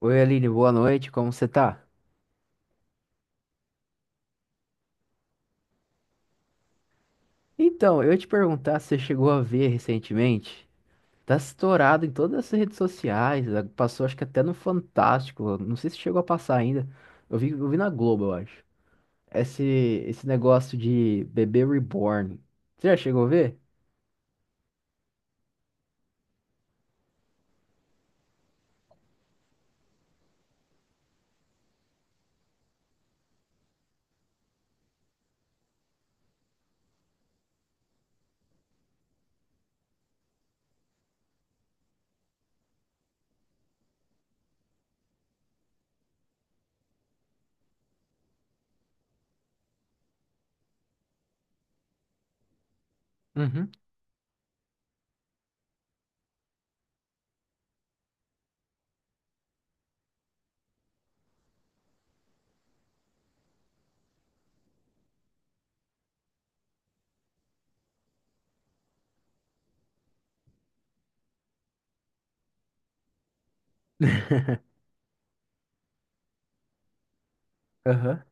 Oi, Aline, boa noite, como você tá? Então, eu ia te perguntar se você chegou a ver recentemente. Tá estourado em todas as redes sociais, passou acho que até no Fantástico, não sei se chegou a passar ainda. Eu vi na Globo, eu acho. Esse, esse negócio de bebê reborn. Você já chegou a ver? Uhum. Aham.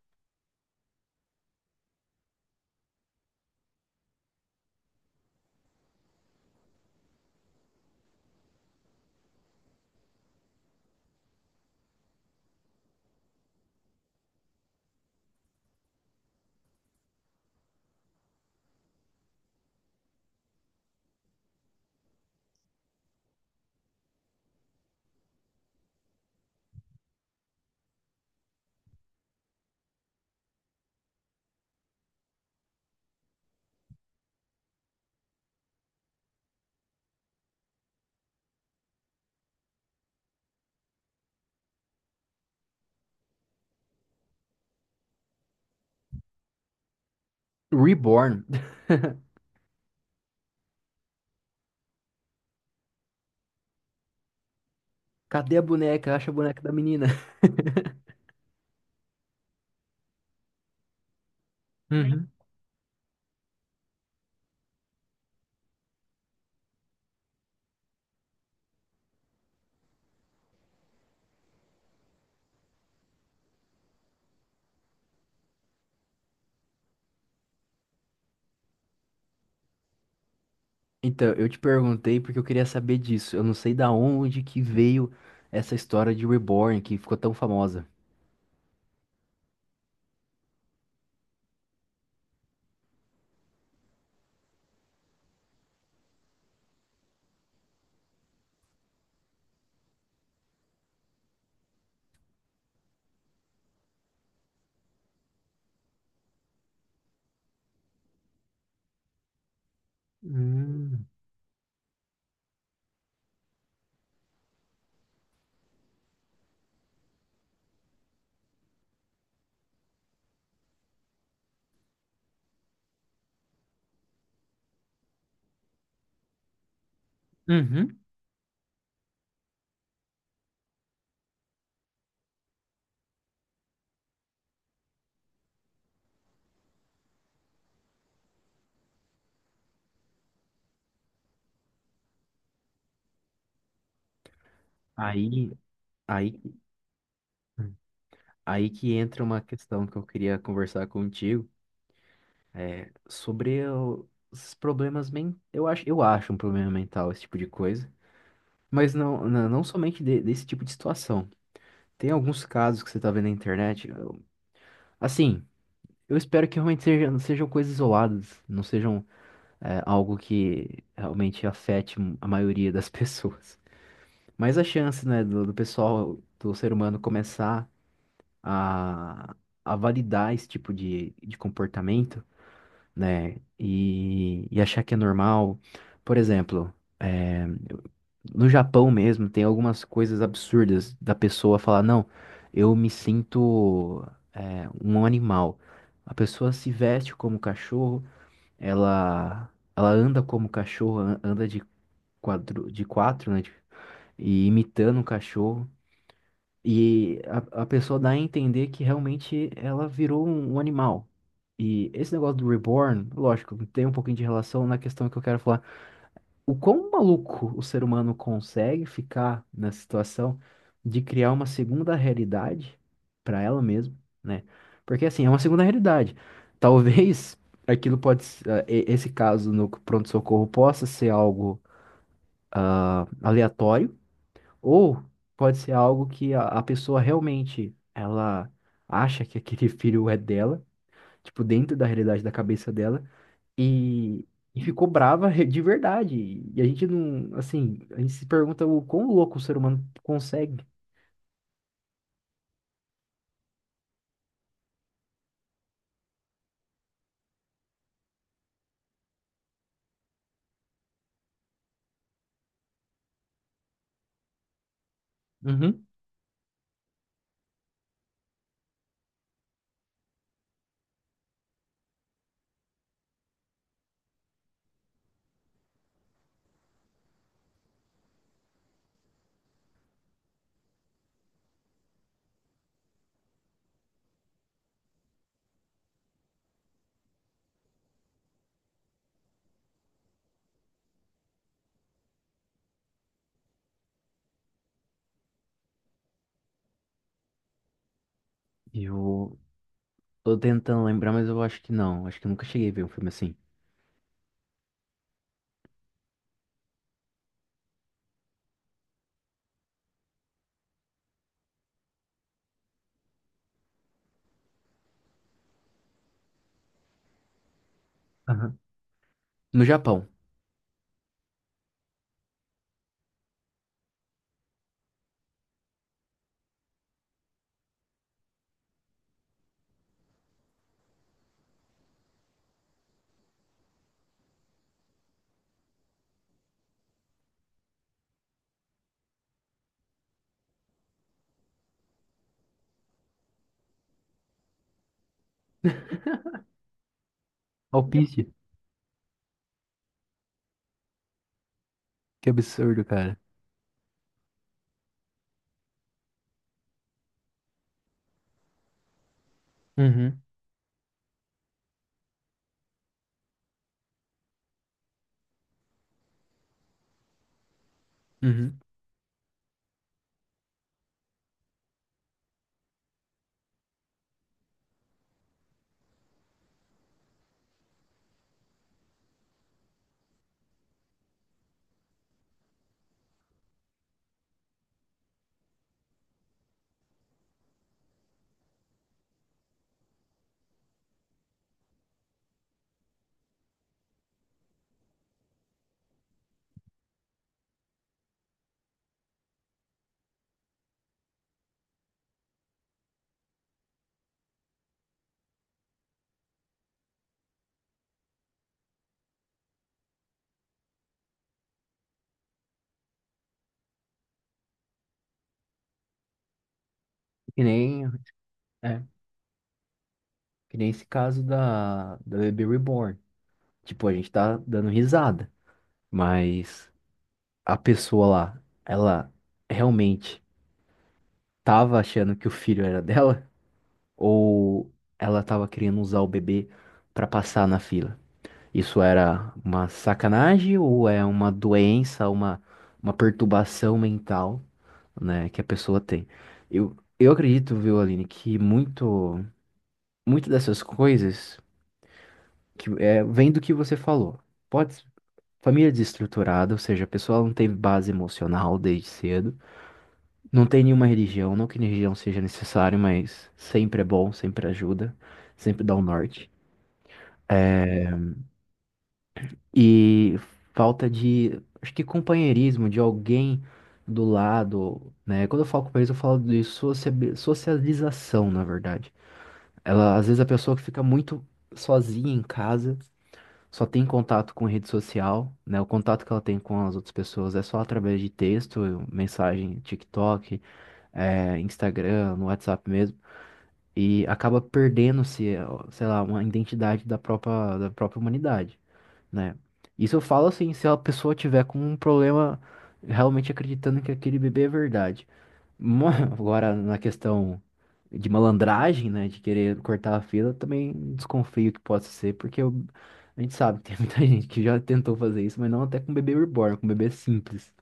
Reborn. Cadê a boneca? Acha a boneca da menina. Então, eu te perguntei porque eu queria saber disso. Eu não sei da onde que veio essa história de Reborn que ficou tão famosa. Hum. Uhum. Aí, aí, aí que entra uma questão que eu queria conversar contigo, sobre os problemas men... eu acho um problema mental esse tipo de coisa, mas não somente desse tipo de situação. Tem alguns casos que você tá vendo na internet, assim, eu espero que realmente sejam coisas isoladas, não sejam algo que realmente afete a maioria das pessoas. Mas a chance, né, do pessoal, do ser humano começar a, a validar esse tipo de comportamento, né, e achar que é normal. Por exemplo, é, no Japão mesmo, tem algumas coisas absurdas da pessoa falar, não, eu me sinto um animal. A pessoa se veste como cachorro, ela, ela anda como cachorro, anda de de quatro, né? E imitando um cachorro. E a pessoa dá a entender que realmente ela virou um animal. E esse negócio do reborn, lógico, tem um pouquinho de relação na questão que eu quero falar. O quão maluco o ser humano consegue ficar na situação de criar uma segunda realidade para ela mesma, né? Porque assim, é uma segunda realidade. Talvez aquilo pode, esse caso no pronto-socorro possa ser algo aleatório ou pode ser algo que a pessoa realmente ela acha que aquele filho é dela, tipo, dentro da realidade da cabeça dela, e, e ficou brava de verdade. E a gente não, assim, a gente se pergunta o quão louco o ser humano consegue. Uhum. Eu tô tentando lembrar, mas eu acho que não. Acho que eu nunca cheguei a ver um filme assim. Aham. No Japão. Yep. Alpiste. Que absurdo, cara. Uhum. Uhum. Que nem, é, que nem esse caso da, da Baby Reborn. Tipo, a gente tá dando risada, mas a pessoa lá, ela realmente tava achando que o filho era dela ou ela tava querendo usar o bebê pra passar na fila? Isso era uma sacanagem ou é uma doença, uma perturbação mental, né, que a pessoa tem? Eu acredito, viu, Aline, que muito, muito dessas coisas vem do que você falou. Pode, família desestruturada, ou seja, a pessoa não teve base emocional desde cedo. Não tem nenhuma religião, não que religião seja necessário, mas sempre é bom, sempre ajuda, sempre dá um norte. E falta de, acho que companheirismo, de alguém do lado, né? Quando eu falo companheirismo, eu falo de socialização, na verdade. Ela, às vezes a pessoa que fica muito sozinha em casa só tem contato com rede social, né? O contato que ela tem com as outras pessoas é só através de texto, mensagem, TikTok, Instagram, no WhatsApp mesmo, e acaba perdendo-se, sei lá, uma identidade da própria humanidade, né? Isso eu falo assim, se a pessoa tiver com um problema realmente acreditando que aquele bebê é verdade. Agora, na questão de malandragem, né, de querer cortar a fila, eu também desconfio que possa ser, a gente sabe que tem muita gente que já tentou fazer isso, mas não até com bebê reborn, com bebê simples.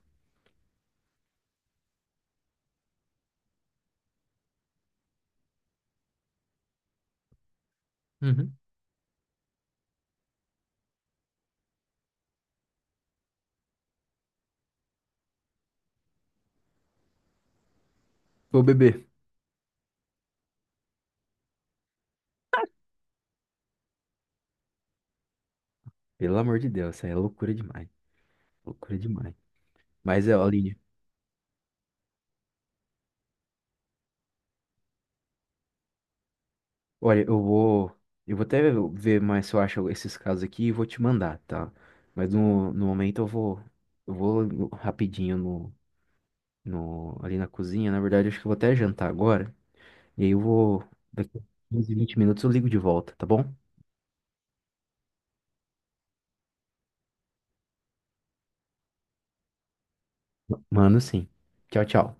Uhum. Ô, bebê, pelo amor de Deus, isso aí é loucura demais, loucura demais. Mas, Aline, olha, eu vou até ver mais se eu acho esses casos aqui e vou te mandar, tá? Mas no momento eu vou rapidinho no, no, ali na cozinha, na verdade, acho que eu vou até jantar agora. E aí daqui a 15, 20 minutos eu ligo de volta, tá bom? Mano, sim. Tchau, tchau.